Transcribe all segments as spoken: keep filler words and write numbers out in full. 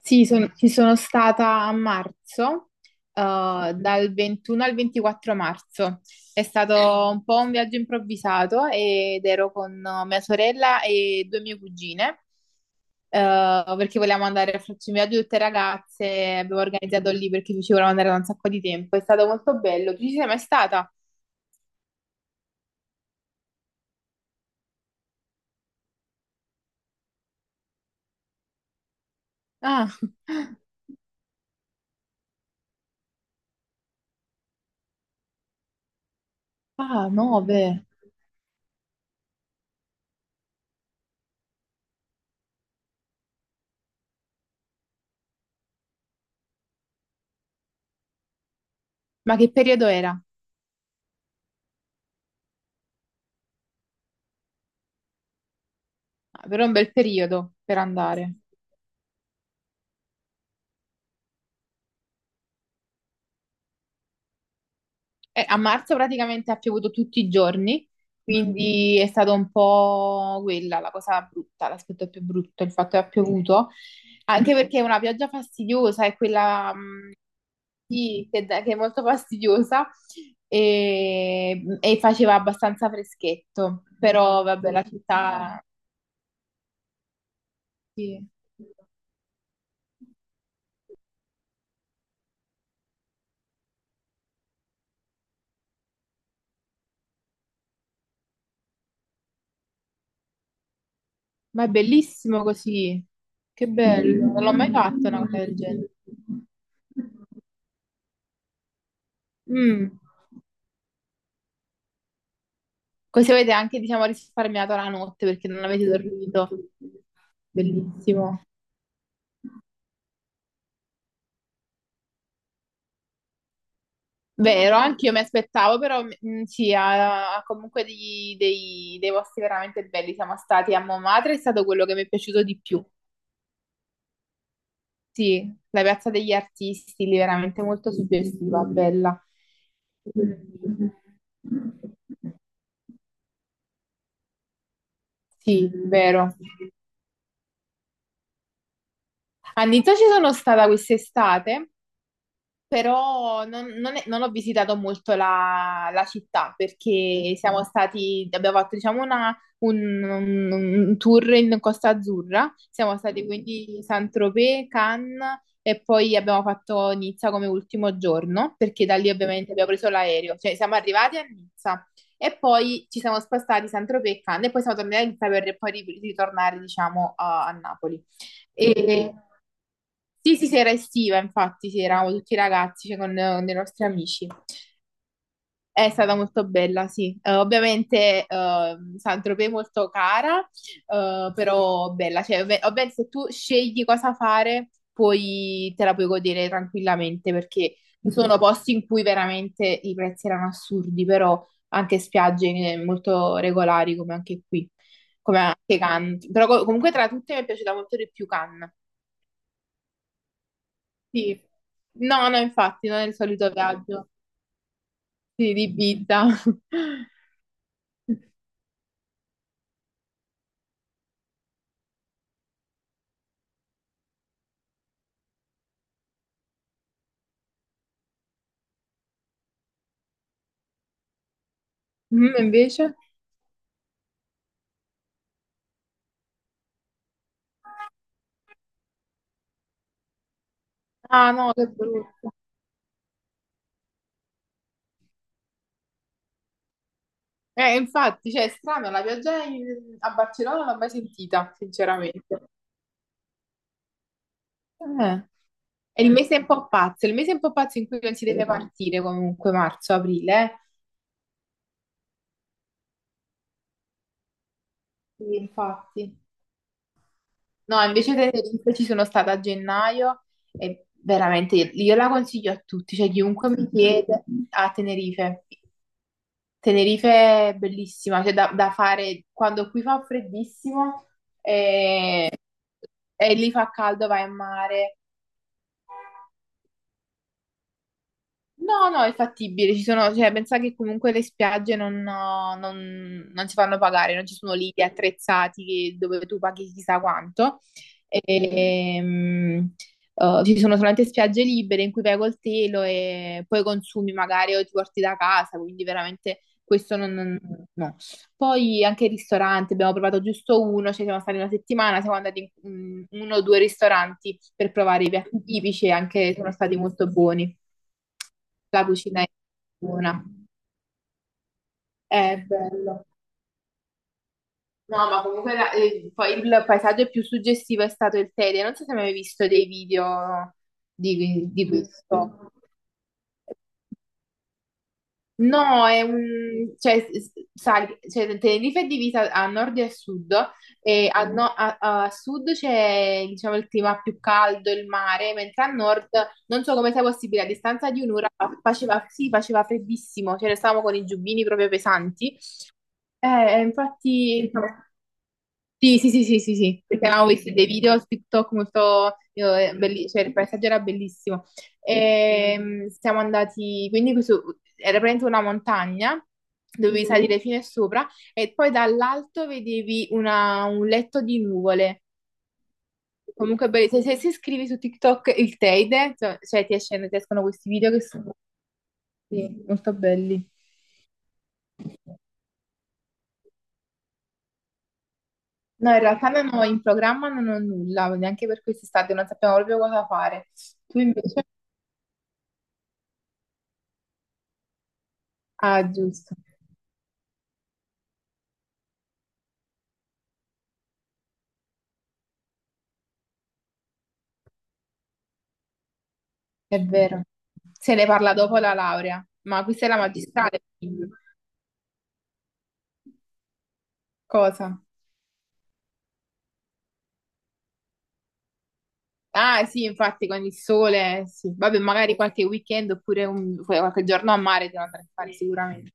Sì, son- ci sono stata a marzo, eh, dal ventuno al ventiquattro marzo. È stato un po' un viaggio improvvisato ed ero con eh, mia sorella e due mie cugine, eh, perché volevamo andare a farci un viaggio tutte ragazze, abbiamo organizzato lì perché ci volevamo andare da un sacco di tempo. È stato molto bello. Tu ci sei mai stata? Ah, ah, no, beh. Ma che periodo era? Ah, però è un bel periodo per andare. Eh, a marzo praticamente ha piovuto tutti i giorni. Mm. Quindi è stata un po' quella la cosa brutta, l'aspetto più brutto, il fatto che ha piovuto, anche perché è una pioggia fastidiosa, è quella mh, sì, che, da- che è molto fastidiosa e, e faceva abbastanza freschetto, però vabbè la città sì. Ma è bellissimo così, che bello, non l'ho mai fatto una cosa del genere. Mm. Così avete anche, diciamo, risparmiato la notte perché non avete dormito. Bellissimo. Vero, anche io mi aspettavo, però mm, sì, ha, ha comunque degli- dei, dei posti veramente belli. Siamo stati a Montmartre, è stato quello che mi è piaciuto di più. Sì, la piazza degli artisti, lì veramente molto suggestiva, bella. Sì, vero. A Nizza ci sono stata quest'estate però non, non è- non ho visitato molto la, la città perché siamo stati, abbiamo fatto diciamo una- un, un- un tour in Costa Azzurra, siamo stati quindi Saint-Tropez, Cannes e poi abbiamo fatto Nizza come ultimo giorno perché da lì ovviamente abbiamo preso l'aereo, cioè siamo arrivati a Nizza e poi ci siamo spostati Saint-Tropez e Cannes e poi siamo tornati a Nizza per poi ri- ritornare diciamo a a Napoli. E sì, sì, sera estiva, infatti, sì, eravamo tutti ragazzi, cioè, con, eh, con i nostri amici. È stata molto bella, sì. Eh, ovviamente eh, Saint-Tropez è molto cara, eh, però bella. Cioè, ov- ovviamente se tu scegli cosa fare, poi te la puoi godere tranquillamente, perché ci sono posti in cui veramente i prezzi erano assurdi, però anche spiagge eh, molto regolari, come anche qui, come anche Cannes. Però co- comunque tra tutte mi è piaciuta molto di più Cannes. Sì. No, no, infatti, non è il solito viaggio. Sì, di Ibiza. Mm, invece? Ah, no, che brutto. Eh, infatti, cioè, è strano, la pioggia in- a Barcellona non l'ho mai sentita, sinceramente. Eh, È il mese un po' pazzo, è il mese un po' pazzo in cui non si deve partire comunque, marzo, aprile, eh. Sì, infatti. No, invece Tenerife ci sono stata a gennaio e veramente io la consiglio a tutti, cioè chiunque mi chiede a Tenerife. Tenerife è bellissima, cioè da, da fare quando qui fa freddissimo e, e lì fa caldo, vai in mare. No, no, è fattibile, ci sono, cioè, pensa che comunque le spiagge non, non, non si fanno pagare, non ci sono lidi attrezzati che- dove tu paghi chissà quanto. Ehm, eh, ci sono solamente spiagge libere in cui vai col telo e poi consumi magari o ti porti da casa, quindi veramente questo non, non- no, poi anche il ristorante, abbiamo provato giusto uno, ci siamo stati una settimana, siamo andati in in uno o due ristoranti per provare i piatti tipici e anche sono stati molto buoni. La cucina è buona, è bello. No, ma comunque la- eh, poi il paesaggio più suggestivo è stato il Teide. Non so se hai mai visto dei video di, di questo. No, è un, cioè, s- sai, cioè, Tenerife è divisa a nord e a sud e a, no- a- a sud c'è, diciamo, il clima più caldo, il mare, mentre a nord, non so come sia possibile, a distanza di un'ora faceva, sì, faceva freddissimo, cioè, ne stavamo con i giubbini proprio pesanti. Eh, eh, infatti, sì, sì, sì, sì, sì, sì, perché avevo visto dei video su TikTok molto, io, eh, belli- cioè il paesaggio era bellissimo. E, siamo andati, quindi questo, era praticamente una montagna, dovevi salire fino a sopra e poi dall'alto vedevi una- un letto di nuvole. Comunque, be- se, se, se scrivi su TikTok il Teide, cioè cioè, ti esce- ti escono questi video che sono sì, molto belli. No, in realtà non ho in programma non ho nulla, neanche per quest'estate, non sappiamo proprio cosa fare. Tu invece? Ah, giusto, è vero. Se ne parla dopo la laurea, ma questa è la magistrale, quindi. Cosa? Ah, sì, infatti, con il sole, sì. Vabbè, magari qualche weekend oppure un- qualche giorno a mare te lo andrai a fare sicuramente.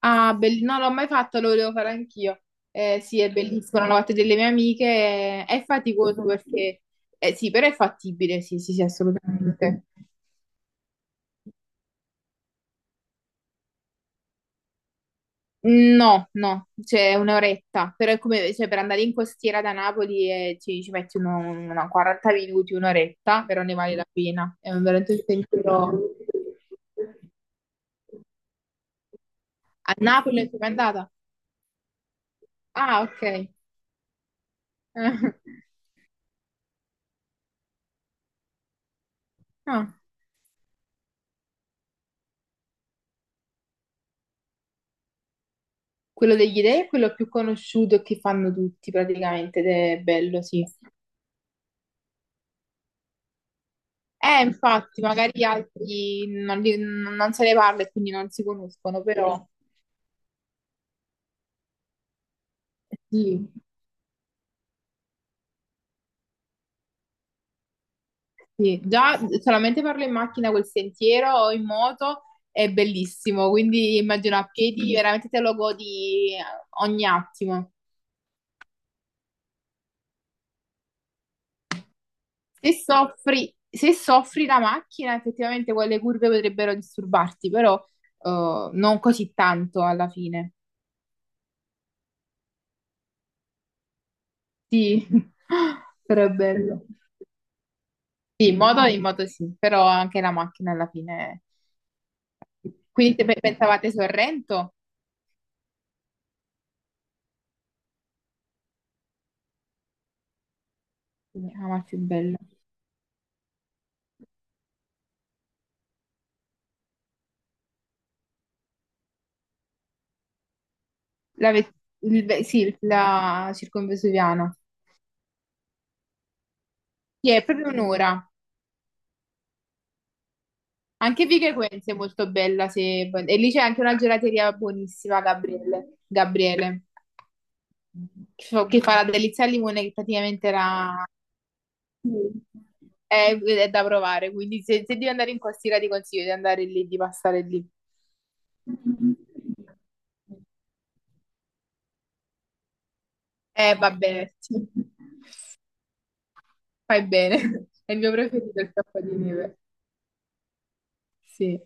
Ah, belli- non l'ho mai fatto, lo volevo fare anch'io. Eh, sì, è bellissimo, l'hanno fatto delle mie amiche, eh, è faticoso perché... eh, sì, però è fattibile, sì, sì, sì, assolutamente. No, no, cioè un'oretta, però è come cioè, per andare in costiera da Napoli eh, ci, ci metti uno, una quaranta minuti, un'oretta, però ne vale la pena. È un veramente un pensiero. A Napoli è mai andata? Ah, ok. Ah, quello degli dei è quello più conosciuto che fanno tutti praticamente, ed è bello, sì. Eh, infatti, magari gli altri non, li- non se ne parla e quindi non si conoscono, però sì, sì, già solamente farlo in macchina quel sentiero o in moto è bellissimo, quindi immagino a piedi veramente te lo godi ogni attimo. Se soffri, se soffri la macchina, effettivamente quelle curve potrebbero disturbarti, però eh, non così tanto alla fine. Sì, però è bello. Sì, in moto, in moto sì, però anche la macchina alla fine. Quindi se pe- pensavate Sorrento, sì, la più bella. La, ve- il ve- sì, la circumvesuviana. Sì, è proprio un'ora. Anche Vico Equense è molto bella. Se... vuoi- e lì c'è anche una gelateria buonissima, Gabriele. Gabriele. Che fa che fa la delizia al limone che praticamente era... Sì. È, è da provare, quindi se, se devi andare in Costiera ti consiglio di andare lì, di passare lì. Eh, vabbè, sì. Fai bene. È il mio preferito il tappo di neve. Sì.